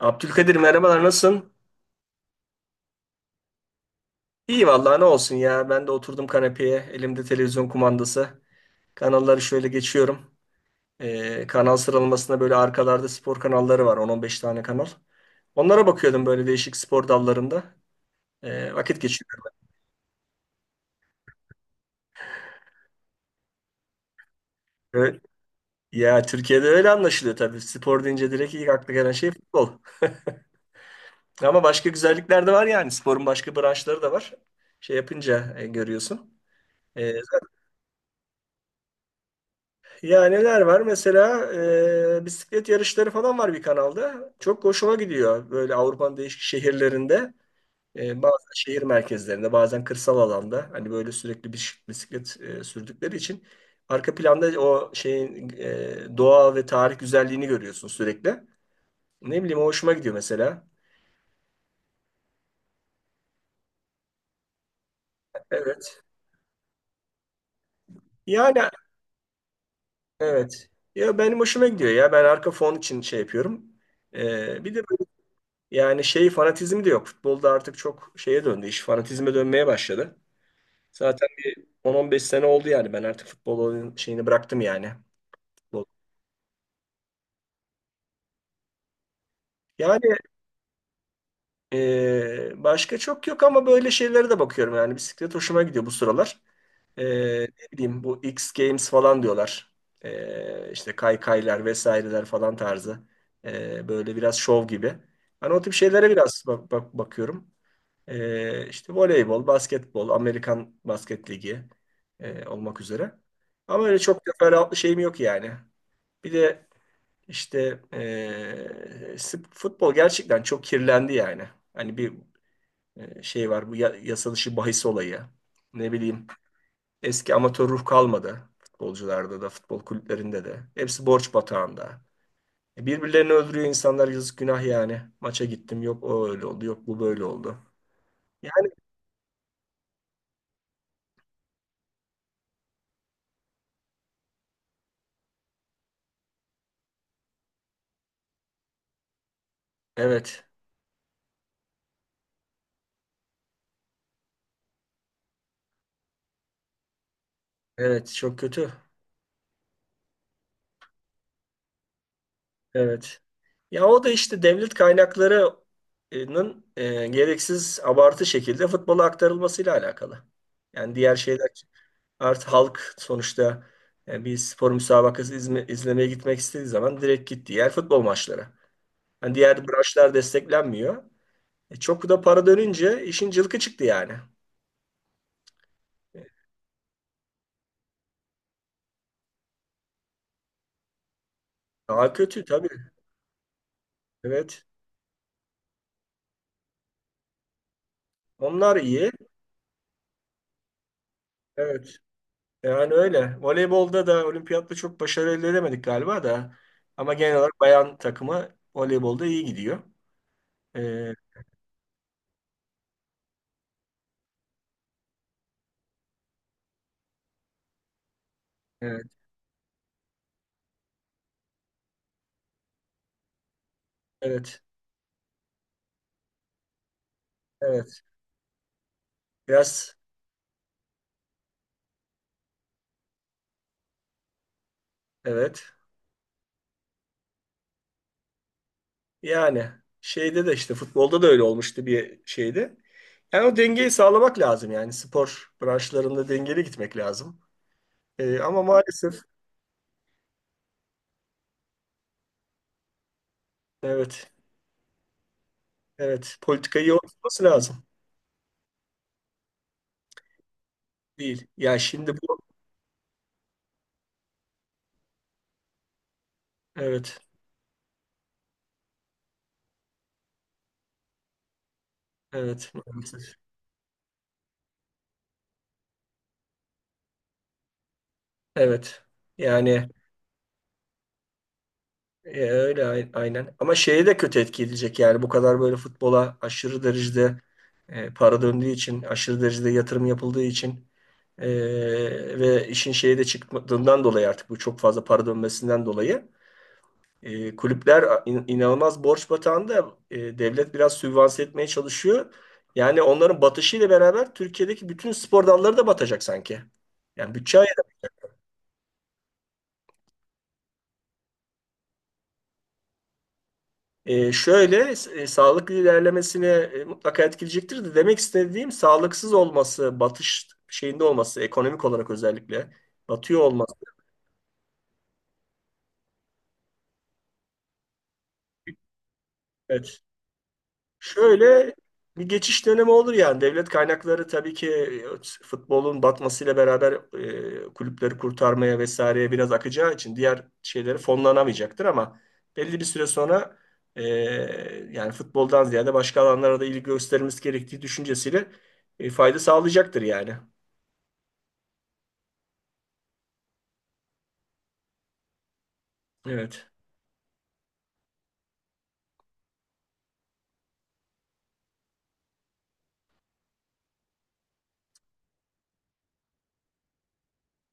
Abdülkadir merhabalar, nasılsın? İyi vallahi, ne olsun ya. Ben de oturdum kanepeye. Elimde televizyon kumandası. Kanalları şöyle geçiyorum. Kanal sıralamasında böyle arkalarda spor kanalları var. 10-15 tane kanal. Onlara bakıyordum, böyle değişik spor dallarında. Vakit geçiriyorum. Evet. Ya, Türkiye'de öyle anlaşılıyor tabii. Spor deyince direkt ilk akla gelen şey futbol. Ama başka güzellikler de var yani. Sporun başka branşları da var. Şey yapınca görüyorsun. E, Ya neler var? Mesela bisiklet yarışları falan var bir kanalda. Çok hoşuma gidiyor böyle, Avrupa'nın değişik şehirlerinde. Bazen şehir merkezlerinde, bazen kırsal alanda. Hani böyle sürekli bisiklet sürdükleri için arka planda o şeyin doğa ve tarih güzelliğini görüyorsun sürekli. Ne bileyim, o hoşuma gidiyor mesela. Evet. Yani evet. Ya benim hoşuma gidiyor ya. Ben arka fon için şey yapıyorum. Bir de yani şey fanatizmi de yok. Futbolda artık çok şeye döndü. İş fanatizme dönmeye başladı. Zaten 10-15 sene oldu yani. Ben artık futbolun şeyini bıraktım yani. Futbol. Yani başka çok yok ama böyle şeylere de bakıyorum. Yani bisiklet hoşuma gidiyor bu sıralar. Ne bileyim, bu X Games falan diyorlar. İşte kaykaylar vesaireler falan tarzı. Böyle biraz şov gibi. Hani o tip şeylere biraz bakıyorum. İşte voleybol, basketbol, Amerikan Basket Ligi olmak üzere. Ama öyle çok teferruatlı şeyim yok yani. Bir de işte futbol gerçekten çok kirlendi yani. Hani bir şey var, bu yasa dışı bahis olayı. Ne bileyim, eski amatör ruh kalmadı. Futbolcularda da, futbol kulüplerinde de. Hepsi borç batağında. Birbirlerini öldürüyor insanlar, yazık günah yani. Maça gittim, yok o öyle oldu, yok bu böyle oldu. Yani evet. Evet, çok kötü. Evet. Ya o da işte devlet kaynaklarının gereksiz abartı şekilde futbola aktarılmasıyla alakalı. Yani diğer şeyler artık halk sonuçta bir spor müsabakası izlemeye gitmek istediği zaman direkt gitti. Diğer futbol maçları. Yani diğer branşlar desteklenmiyor. Çok da para dönünce işin cılkı çıktı yani. E, Daha kötü tabii. Evet. Onlar iyi. Evet. Yani öyle. Voleybolda da olimpiyatta çok başarı elde edemedik galiba da. Ama genel olarak bayan takımı voleybolda iyi gidiyor. Ee, evet, evet, evet. Biraz, evet. Yani şeyde de işte futbolda da öyle olmuştu bir şeyde. Yani o dengeyi sağlamak lazım yani, spor branşlarında dengeli gitmek lazım. Ama maalesef evet, evet. Politikayı oturtması lazım. Değil. Ya şimdi bu, evet, evet, maalesef. Evet. Yani öyle aynen. Ama şeye de kötü etki edecek yani, bu kadar böyle futbola aşırı derecede para döndüğü için, aşırı derecede yatırım yapıldığı için, e, ve işin şeye de çıktığından dolayı artık bu çok fazla para dönmesinden dolayı kulüpler inanılmaz borç batağında, devlet biraz sübvanse etmeye çalışıyor. Yani onların batışıyla beraber Türkiye'deki bütün spor dalları da batacak sanki. Yani bütçe. Şöyle sağlıklı ilerlemesine mutlaka etkileyecektir de, demek istediğim sağlıksız olması, batış şeyinde olması, ekonomik olarak özellikle batıyor olması. Evet. Şöyle bir geçiş dönemi olur yani. Devlet kaynakları tabii ki futbolun batmasıyla beraber kulüpleri kurtarmaya vesaireye biraz akacağı için diğer şeyleri fonlanamayacaktır ama belli bir süre sonra e, yani futboldan ziyade başka alanlara da ilgi göstermemiz gerektiği düşüncesiyle fayda sağlayacaktır yani. Evet.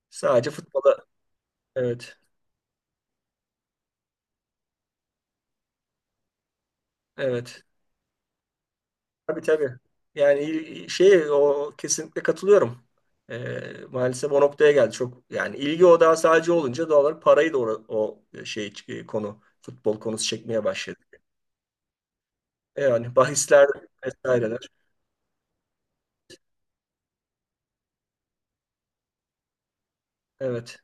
Sadece futbola, evet. Evet. Tabii tabii. Yani şey, o kesinlikle katılıyorum. Ee, Maalesef o noktaya geldi. Çok yani, ilgi odağı sadece olunca doğal olarak parayı da o şey, konu futbol konusu çekmeye başladı. Yani bahisler vesaireler. Evet.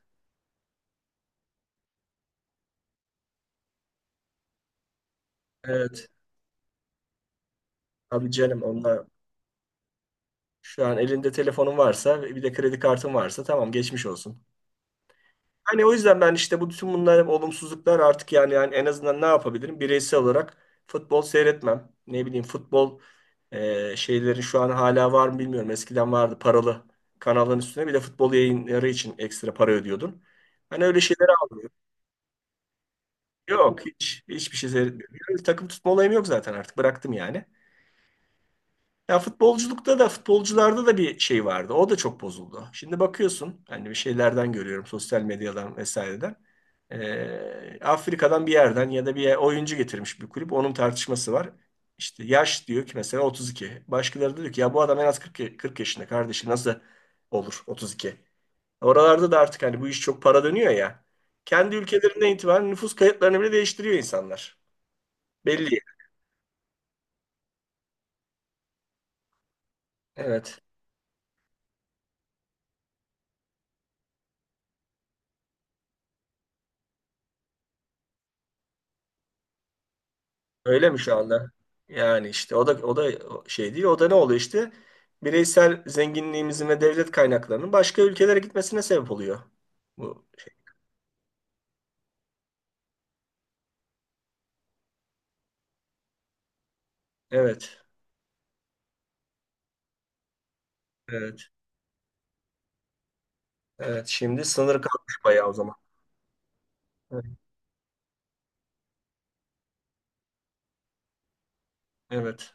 Evet. Abi canım, onlar şu an elinde telefonun varsa, bir de kredi kartın varsa, tamam, geçmiş olsun. Hani o yüzden ben işte, bu bütün bunlar olumsuzluklar artık yani, yani en azından ne yapabilirim? Bireysel olarak futbol seyretmem. Ne bileyim, futbol şeyleri şu an hala var mı bilmiyorum. Eskiden vardı, paralı kanalların üstüne bir de futbol yayınları için ekstra para ödüyordun. Hani öyle şeyleri almıyorum. Yok, hiç hiçbir şey seyretmiyorum. Takım tutma olayım yok zaten, artık bıraktım yani. Ya futbolculukta da, futbolcularda da bir şey vardı. O da çok bozuldu. Şimdi bakıyorsun hani, bir şeylerden görüyorum sosyal medyadan vesaireden. Afrika'dan bir yerden ya da bir oyuncu getirmiş bir kulüp. Onun tartışması var. İşte yaş diyor ki mesela 32. Başkaları da diyor ki ya bu adam en az 40, 40 yaşında kardeşi nasıl olur 32? Oralarda da artık hani, bu iş çok para dönüyor ya. Kendi ülkelerinden itibaren nüfus kayıtlarını bile değiştiriyor insanlar. Belli. Evet. Öyle mi şu anda? Yani işte o da şey değil. O da ne oluyor işte? Bireysel zenginliğimizin ve devlet kaynaklarının başka ülkelere gitmesine sebep oluyor. Bu şey. Evet. Evet. Evet. Şimdi sınır kalkmış bayağı o zaman. Evet. Evet.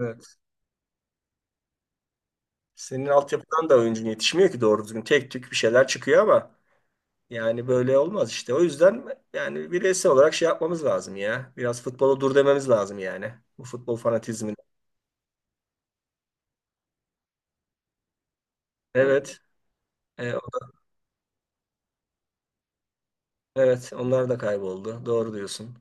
Evet. Senin altyapıdan da oyuncun yetişmiyor ki doğru düzgün. Tek tük bir şeyler çıkıyor ama yani böyle olmaz işte. O yüzden yani bireysel olarak şey yapmamız lazım ya. Biraz futbola dur dememiz lazım yani. Bu futbol fanatizmini. Evet. E, Evet, onlar da kayboldu. Doğru diyorsun.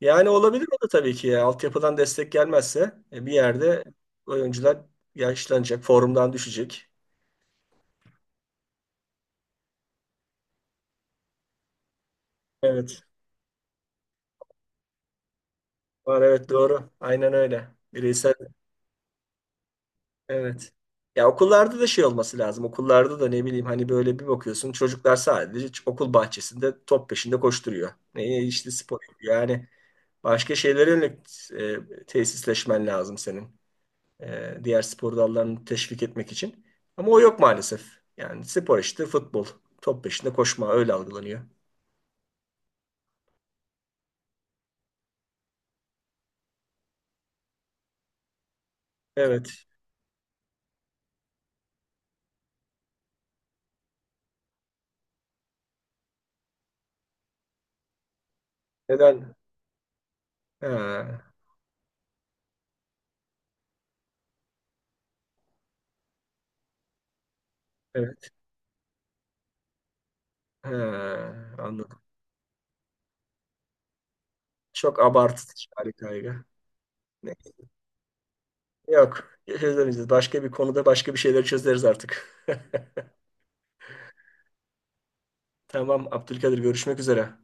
Yani olabilir o da tabii ki ya. Altyapıdan destek gelmezse, bir yerde oyuncular yaşlanacak, formdan düşecek. Evet. Var, evet doğru. Aynen öyle. Bireysel, evet. Ya okullarda da şey olması lazım. Okullarda da ne bileyim hani, böyle bir bakıyorsun, çocuklar sadece okul bahçesinde top peşinde koşturuyor. Ne işte, spor yapıyor. Yani başka şeylere yönelik tesisleşmen lazım senin. Diğer spor dallarını teşvik etmek için. Ama o yok maalesef. Yani spor işte futbol. Top peşinde koşma öyle algılanıyor. Evet. Neden? Ha, evet. Ha, anladım. Çok abartıcı bir kaygı. Ne- Yok. Çözemeyeceğiz. Başka bir konuda başka bir şeyleri çözeriz artık. Tamam Abdülkadir, görüşmek üzere.